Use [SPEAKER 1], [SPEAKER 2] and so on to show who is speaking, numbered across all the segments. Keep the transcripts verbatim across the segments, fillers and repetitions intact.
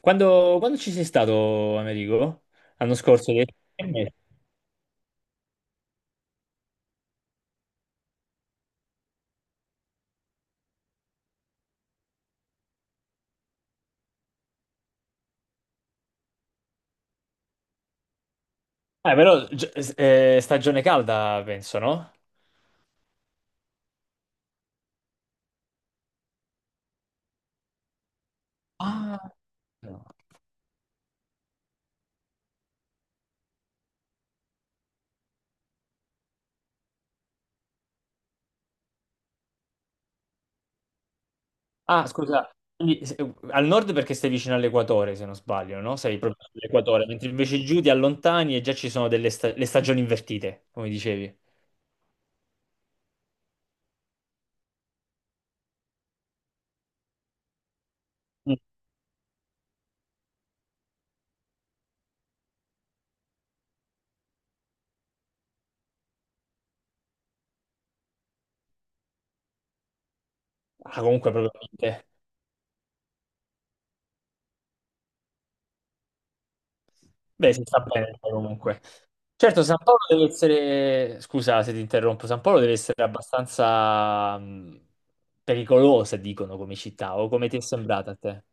[SPEAKER 1] Quando, quando ci sei stato, Amerigo? L'anno scorso? che- Ah, però gi- eh, stagione calda, penso, no? Ah, no. Ah, scusa, quindi, se- al nord perché sei vicino all'equatore, se non sbaglio, no? Sei proprio all'equatore, mentre invece giù ti allontani e già ci sono delle sta- le stagioni invertite, come dicevi. Mm. Ah, comunque proprio niente. Beh, si sta bene comunque. Certo, San Paolo deve essere, scusa se ti interrompo, San Paolo deve essere abbastanza mh, pericolosa, dicono, come città, o come ti è sembrata a te?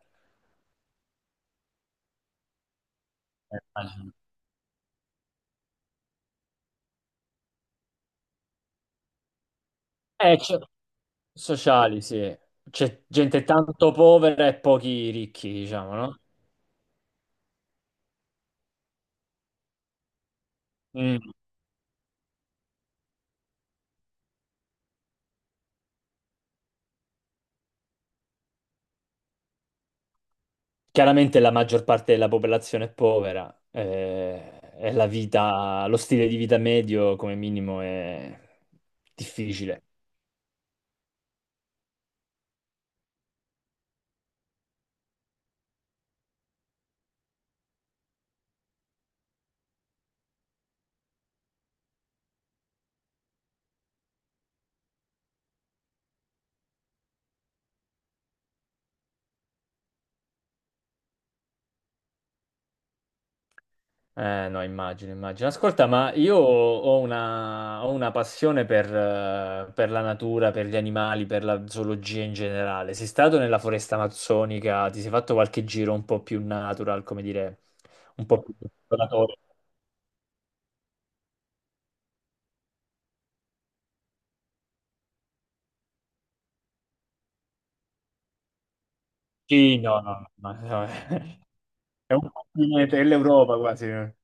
[SPEAKER 1] Eh, immagino. Eh, c'è- Sociali, sì. C'è gente tanto povera e pochi ricchi, diciamo, no? Mm. Chiaramente la maggior parte della popolazione è povera, eh, e la vita, lo stile di vita medio come minimo è difficile. Eh, no, immagino, immagino. Ascolta, ma io ho una, ho una passione per, eh, per la natura, per gli animali, per la zoologia in generale. Sei stato nella foresta amazzonica? Ti sei fatto qualche giro un po' più natural, come dire, un po' più esploratorio? Sì, no, no, no, no, è un po' più dell'Europa quasi, eh.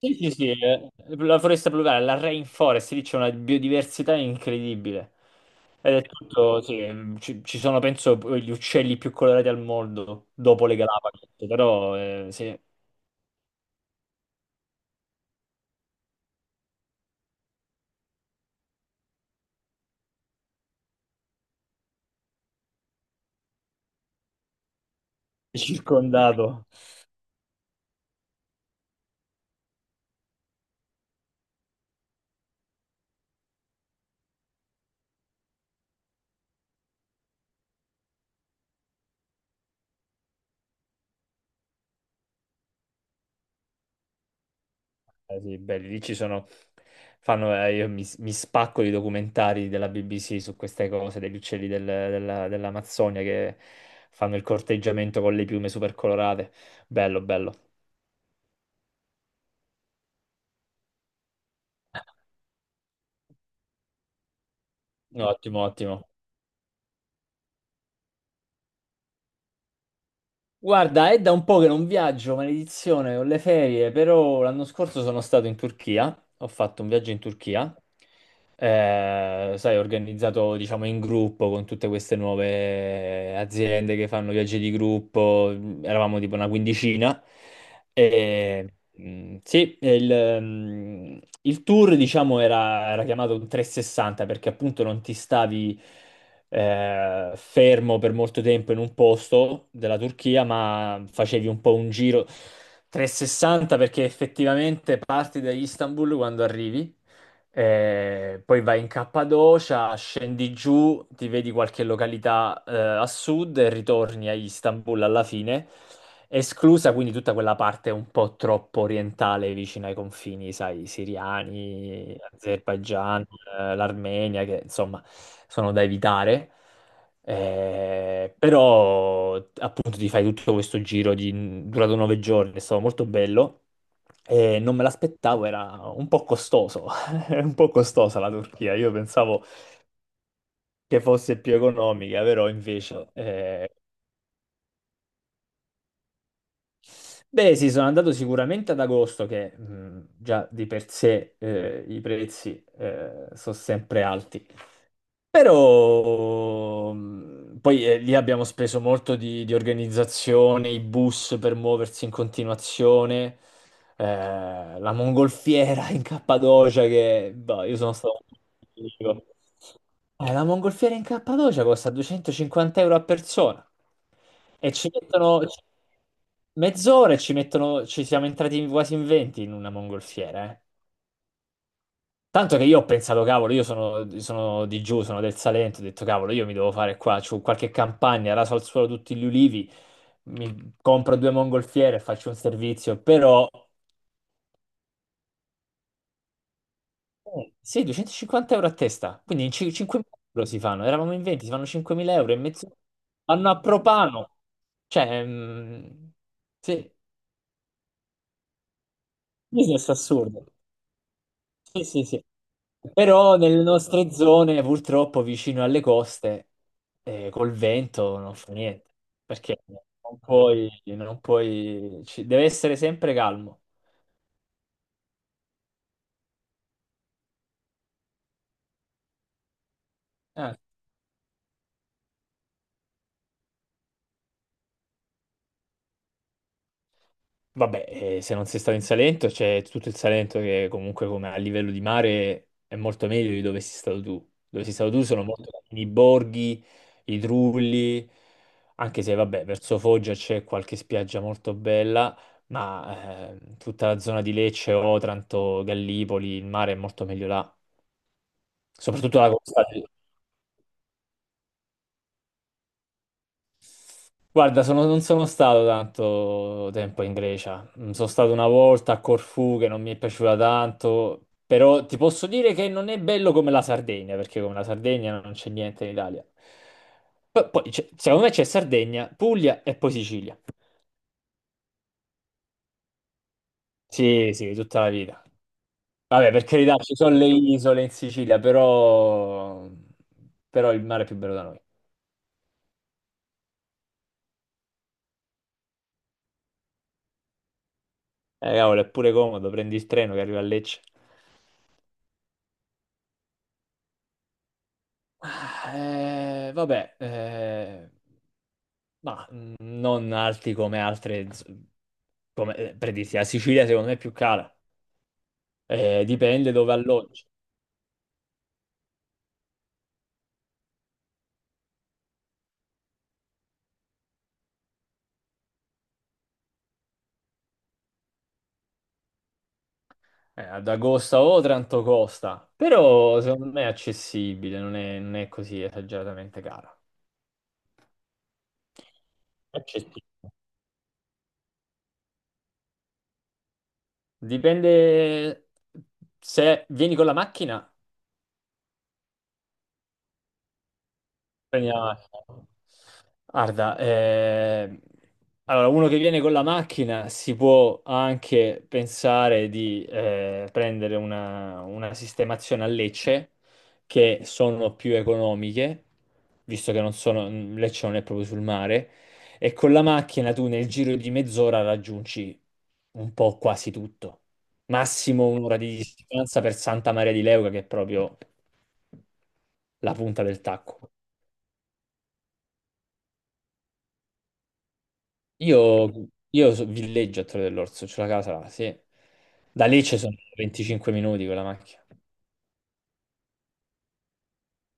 [SPEAKER 1] Sì, sì, sì, eh, la foresta pluviale, la rainforest, lì c'è una biodiversità incredibile. Ed è tutto, sì, ci, ci sono penso gli uccelli più colorati al mondo dopo le Galapagos, però eh, sì, è circondato. Eh, sì, belli, lì ci sono, fanno, eh, io mi, mi spacco di documentari della B B C su queste cose, degli uccelli del- della- dell'Amazzonia che fanno il corteggiamento con le piume super colorate. Bello, bello. Ottimo, ottimo. Guarda, è da un po' che non viaggio, maledizione, ho le ferie, però l'anno scorso sono stato in Turchia, ho fatto un viaggio in Turchia, eh, sai, organizzato diciamo in gruppo con tutte queste nuove aziende che fanno viaggi di gruppo, mm, eravamo tipo una quindicina, e, mm, sì, e il, mm, il tour diciamo era, era chiamato un trecentosessanta perché appunto non ti stavi eh, fermo per molto tempo in un posto della Turchia, ma facevi un po' un giro trecentosessanta perché effettivamente parti da Istanbul quando arrivi, eh, poi vai in Cappadocia, scendi giù, ti vedi qualche località eh, a sud e ritorni a Istanbul alla fine, esclusa quindi tutta quella parte un po' troppo orientale vicino ai confini, sai, siriani, Azerbaigian, eh, l'Armenia, che insomma sono da evitare. Eh, però appunto ti fai tutto questo giro di, mm, durato nove giorni, è stato molto bello e non me l'aspettavo, era un po' costoso. È un po' costosa la Turchia, io pensavo che fosse più economica, però invece... eh, Beh sì, sono andato sicuramente ad agosto, che mh, già di per sé eh, i prezzi eh, sono sempre alti. Però mh, poi eh, lì abbiamo speso molto di, di organizzazione, i bus per muoversi in continuazione, eh, la mongolfiera in Cappadocia che boh, io sono stato... un po'. Eh, la mongolfiera in Cappadocia costa duecentocinquanta euro a persona e ci mettono ci- mezz'ora, e ci mettono, ci siamo entrati quasi in venti in una mongolfiera, eh. Tanto che io ho pensato, cavolo, io sono, sono di giù, sono del Salento, ho detto, cavolo, io mi devo fare qua, c'ho qualche campagna, raso al suolo tutti gli ulivi, mi compro due mongolfiere e faccio un servizio, però eh, sì, duecentocinquanta euro a testa, quindi in cin- cinquemila euro si fanno, eravamo in venti, si fanno cinquemila euro e mezzo, vanno a propano, cioè, mm, sì, business assurdo. Sì, sì, sì. Però nelle nostre zone, purtroppo, vicino alle coste, eh, col vento non fa niente, perché non puoi, non puoi, ci- deve essere sempre calmo. Ah, vabbè, eh, se non sei stato in Salento, c'è tutto il Salento che comunque come a livello di mare è molto meglio di dove sei stato tu. Dove sei stato tu sono molto i borghi, i trulli, anche se vabbè, verso Foggia c'è qualche spiaggia molto bella, ma eh, tutta la zona di Lecce, Otranto, Gallipoli, il mare è molto meglio là. Soprattutto la costa. Guarda, sono- non sono stato tanto tempo in Grecia. Mm. Sono stato una volta a Corfù che non mi è piaciuta tanto, però ti posso dire che non è bello come la Sardegna, perché come la Sardegna non c'è niente in Italia. P- Poi, c'è- secondo me c'è Sardegna, Puglia e poi Sicilia. Sì, sì, tutta la vita. Vabbè, per carità, ci sono le isole in Sicilia, però, però il mare è più bello da noi. Eh, cavolo, è pure comodo, prendi il treno che arriva a Lecce. Ah, eh, vabbè, ma mh, non alti come altre, z- come eh, per dirti, la Sicilia secondo me è più cara. Eh, dipende dove alloggi. Eh, ad Agosta o Otranto costa, però secondo me è accessibile, non è, non è così esageratamente cara. Accessibile. Dipende se vieni con la macchina. Prendiamo. Guarda, eh, allora uno che viene con la macchina si può anche pensare di eh, prendere una, una sistemazione a Lecce, che sono più economiche, visto che non sono, Lecce non è proprio sul mare, e con la macchina tu nel giro di mezz'ora raggiungi un po' quasi tutto. Massimo un'ora di distanza per Santa Maria di Leuca, che è proprio la punta del tacco. Io, io so- villeggio a Torre dell'Orso, c'ho la casa là, sì. Da lì ci sono venticinque minuti con la macchina.